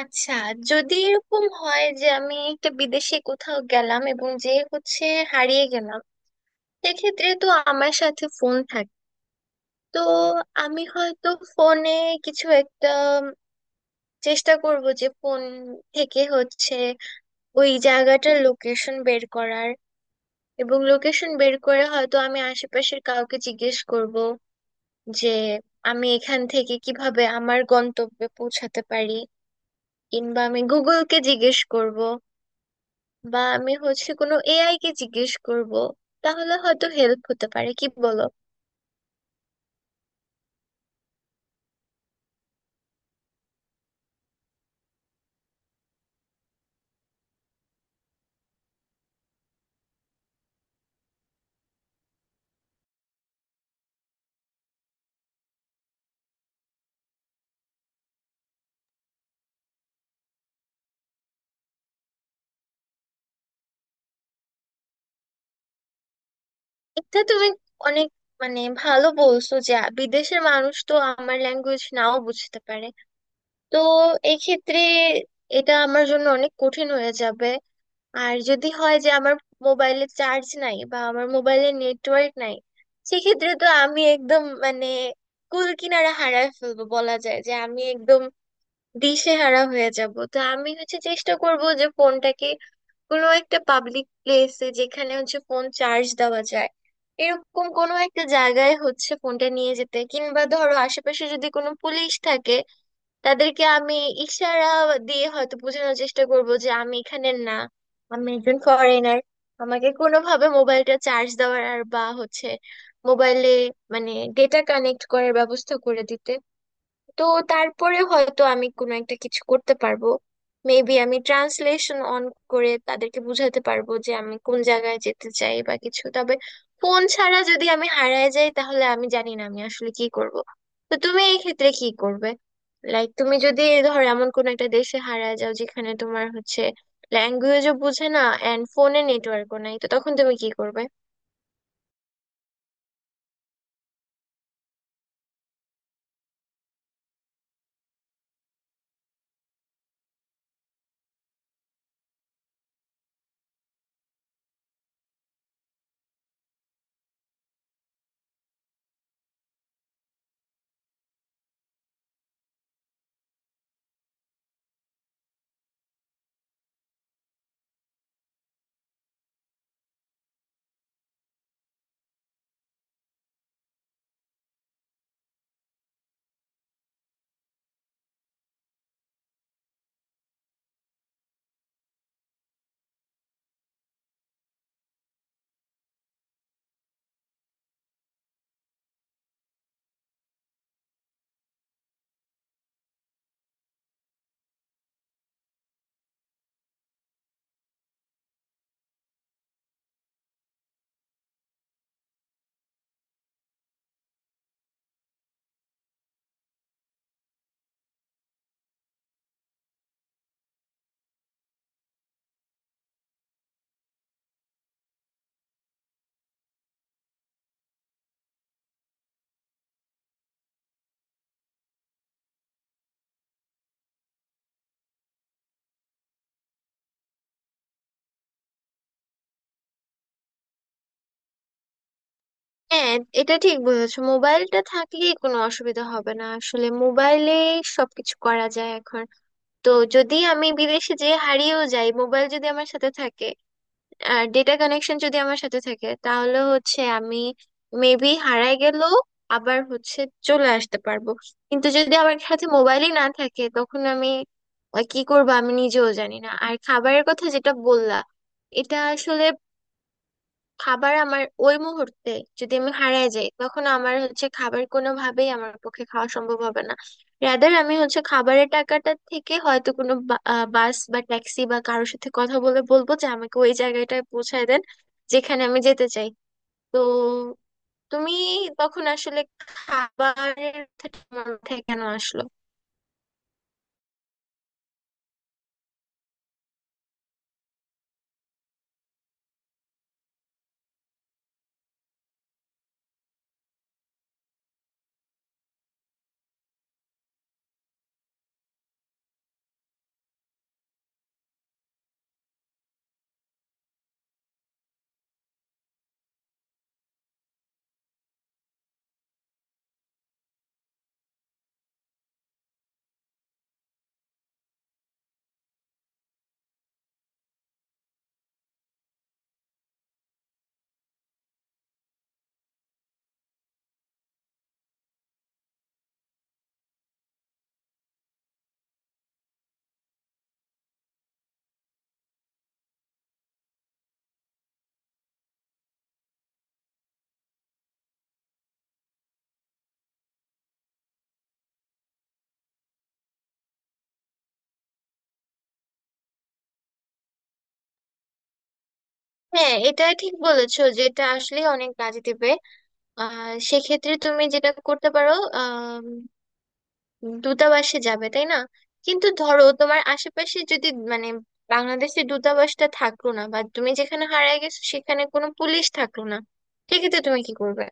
আচ্ছা, যদি এরকম হয় যে আমি একটা বিদেশে কোথাও গেলাম এবং যে হচ্ছে হারিয়ে গেলাম, সেক্ষেত্রে তো আমার সাথে ফোন থাকে। তো আমি হয়তো ফোনে কিছু একটা চেষ্টা করব যে ফোন থেকে ওই জায়গাটার লোকেশন বের করার, এবং লোকেশন বের করে হয়তো আমি আশেপাশের কাউকে জিজ্ঞেস করব যে আমি এখান থেকে কিভাবে আমার গন্তব্যে পৌঁছাতে পারি, কিংবা আমি গুগলকে জিজ্ঞেস করব, বা আমি কোনো এআই কে জিজ্ঞেস করব। তাহলে হয়তো হেল্প হতে পারে, কি বলো? এটা তুমি অনেক মানে ভালো বলছো যে বিদেশের মানুষ তো আমার ল্যাঙ্গুয়েজ নাও বুঝতে পারে। তো এই ক্ষেত্রে এটা আমার জন্য অনেক কঠিন হয়ে যাবে। আর যদি হয় যে আমার মোবাইলে চার্জ নাই বা আমার মোবাইলে নেটওয়ার্ক নাই, সেক্ষেত্রে তো আমি একদম মানে কুল কিনারা হারায় ফেলবো, বলা যায় যে আমি একদম দিশেহারা হয়ে যাব। তো আমি চেষ্টা করব যে ফোনটাকে কোনো একটা পাবলিক প্লেসে যেখানে হচ্ছে ফোন চার্জ দেওয়া যায়, এরকম কোনো একটা জায়গায় হচ্ছে ফোনটা নিয়ে যেতে, কিংবা ধরো আশেপাশে যদি কোনো পুলিশ থাকে, তাদেরকে আমি ইশারা দিয়ে হয়তো বোঝানোর চেষ্টা করব যে আমি এখানে না, আমি একজন ফরেনার। আমাকে কোনোভাবে মোবাইলটা চার্জ দেওয়ার আর বা মোবাইলে মানে ডেটা কানেক্ট করার ব্যবস্থা করে দিতে। তো তারপরে হয়তো আমি কোনো একটা কিছু করতে পারবো। মেবি আমি ট্রান্সলেশন অন করে তাদেরকে বুঝাতে পারবো যে আমি কোন জায়গায় যেতে চাই বা কিছু। তবে ফোন ছাড়া যদি আমি হারিয়ে যাই তাহলে আমি জানি না আমি আসলে কি করব। তো তুমি এই ক্ষেত্রে কি করবে? লাইক তুমি যদি ধরো এমন কোন একটা দেশে হারিয়ে যাও যেখানে তোমার ল্যাঙ্গুয়েজও বুঝে না এন্ড ফোনে নেটওয়ার্কও নাই, তো তখন তুমি কি করবে? হ্যাঁ, এটা ঠিক বলেছো, মোবাইলটা থাকলেই কোনো অসুবিধা হবে না। আসলে মোবাইলে সবকিছু করা যায় এখন। তো যদি আমি বিদেশে যেয়ে হারিয়েও যাই, মোবাইল যদি আমার সাথে থাকে আর ডেটা কানেকশন যদি আমার সাথে থাকে, তাহলে হচ্ছে আমি মেবি হারায় গেলেও আবার চলে আসতে পারবো। কিন্তু যদি আমার সাথে মোবাইলই না থাকে, তখন আমি কি করবো আমি নিজেও জানি না। আর খাবারের কথা যেটা বললা, এটা আসলে খাবার আমার ওই মুহূর্তে, যদি আমি হারিয়ে যাই তখন আমার হচ্ছে খাবার কোনোভাবেই আমার পক্ষে খাওয়া সম্ভব হবে না। রাদার আমি হচ্ছে খাবারের টাকাটা থেকে হয়তো কোনো বাস বা ট্যাক্সি বা কারোর সাথে কথা বলে বলবো যে আমাকে ওই জায়গাটায় পৌঁছায় দেন যেখানে আমি যেতে চাই। তো তুমি তখন আসলে খাবারের কথাটা তোমার মাথায় কেন আসলো? হ্যাঁ, এটা ঠিক বলেছো যে এটা আসলে অনেক কাজে দেবে। আহ, সেক্ষেত্রে তুমি যেটা করতে পারো, দূতাবাসে যাবে তাই না? কিন্তু ধরো তোমার আশেপাশে যদি মানে বাংলাদেশের দূতাবাসটা থাকলো না, বা তুমি যেখানে হারিয়ে গেছো সেখানে কোনো পুলিশ থাকলো না, সেক্ষেত্রে তুমি কি করবে?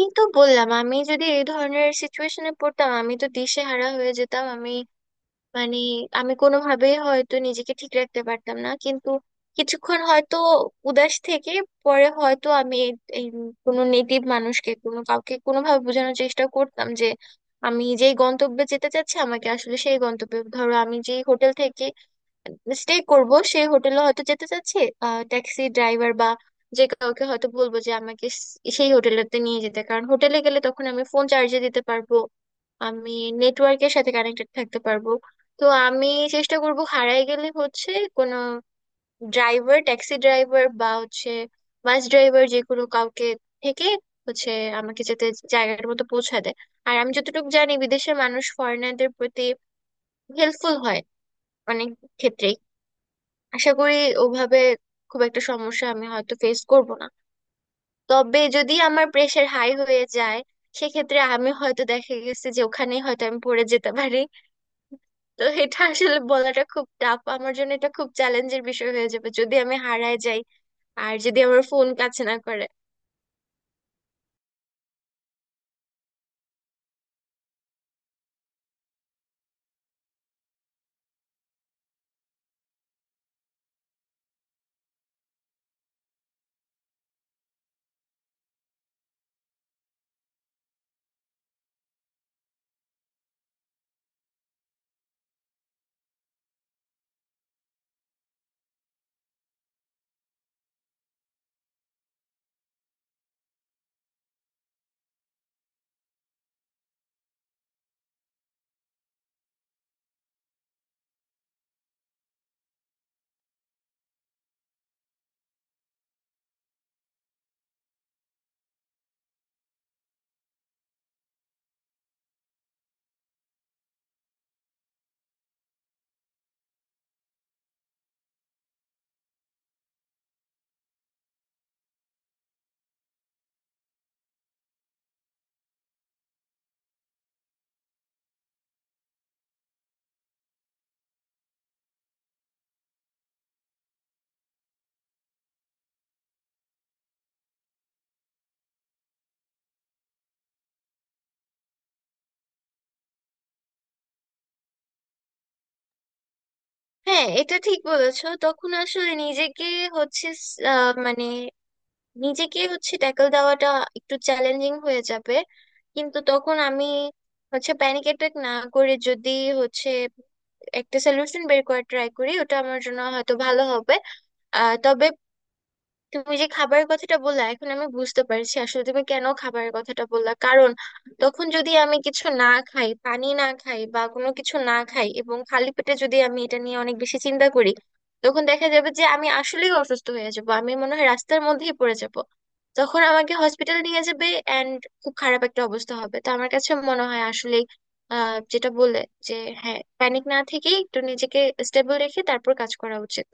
এই তো বললাম, আমি যদি এই ধরনের সিচুয়েশনে পড়তাম আমি তো দিশেহারা হয়ে যেতাম। আমি মানে আমি কোনোভাবেই হয়তো নিজেকে ঠিক রাখতে পারতাম না। কিন্তু কিছুক্ষণ হয়তো উদাস থেকে পরে হয়তো আমি এই এই কোনো নেটিভ মানুষকে, কোনো কাউকে কোনোভাবে বোঝানোর চেষ্টা করতাম যে আমি যেই গন্তব্যে যেতে চাচ্ছি আমাকে আসলে সেই গন্তব্যে, ধরো আমি যেই হোটেল থেকে স্টে করব সেই হোটেলে হয়তো যেতে চাচ্ছি, ট্যাক্সি ড্রাইভার বা যে কাউকে হয়তো বলবো যে আমাকে সেই হোটেলেতে নিয়ে যেতে। কারণ হোটেলে গেলে তখন আমি ফোন চার্জে দিতে পারবো, আমি নেটওয়ার্কের সাথে কানেক্টেড থাকতে পারবো। তো আমি চেষ্টা করব হারায় গেলে হচ্ছে কোনো ড্রাইভার, ট্যাক্সি ড্রাইভার বা হচ্ছে বাস ড্রাইভার, যে কোনো কাউকে থেকে হচ্ছে আমাকে যেতে জায়গাটার মতো পৌঁছা দেয়। আর আমি যতটুকু জানি বিদেশের মানুষ ফরেনারদের প্রতি হেল্পফুল হয় অনেক ক্ষেত্রে। আশা করি ওভাবে খুব একটা সমস্যা আমি হয়তো ফেস করব না। তবে যদি আমার প্রেশার হাই হয়ে যায়, সেক্ষেত্রে আমি হয়তো, দেখা গেছে যে ওখানেই হয়তো আমি পড়ে যেতে পারি। তো এটা আসলে বলাটা খুব টাফ, আমার জন্য এটা খুব চ্যালেঞ্জের বিষয় হয়ে যাবে যদি আমি হারায় যাই আর যদি আমার ফোন কাজ না করে। হ্যাঁ, এটা ঠিক বলেছো, তখন আসলে হচ্ছে আহ, মানে নিজেকে হচ্ছে ট্যাকল দেওয়াটা একটু চ্যালেঞ্জিং হয়ে যাবে। কিন্তু তখন আমি প্যানিক অ্যাটাক না করে যদি হচ্ছে একটা সলিউশন বের করার ট্রাই করি, ওটা আমার জন্য হয়তো ভালো হবে। আহ, তবে তুমি যে খাবারের কথাটা বললা, এখন আমি বুঝতে পারছি আসলে তুমি কেন খাবারের কথাটা বললা। কারণ তখন যদি আমি কিছু না খাই, পানি না খাই বা কোনো কিছু না খাই, এবং খালি পেটে যদি আমি এটা নিয়ে অনেক বেশি চিন্তা করি, তখন দেখা যাবে যে আমি আসলেই অসুস্থ হয়ে যাব, আমি মনে হয় রাস্তার মধ্যেই পড়ে যাব। তখন আমাকে হসপিটাল নিয়ে যাবে এন্ড খুব খারাপ একটা অবস্থা হবে। তো আমার কাছে মনে হয় আসলে, আহ, যেটা বললে, যে হ্যাঁ, প্যানিক না থেকেই একটু নিজেকে স্টেবল রেখে তারপর কাজ করা উচিত।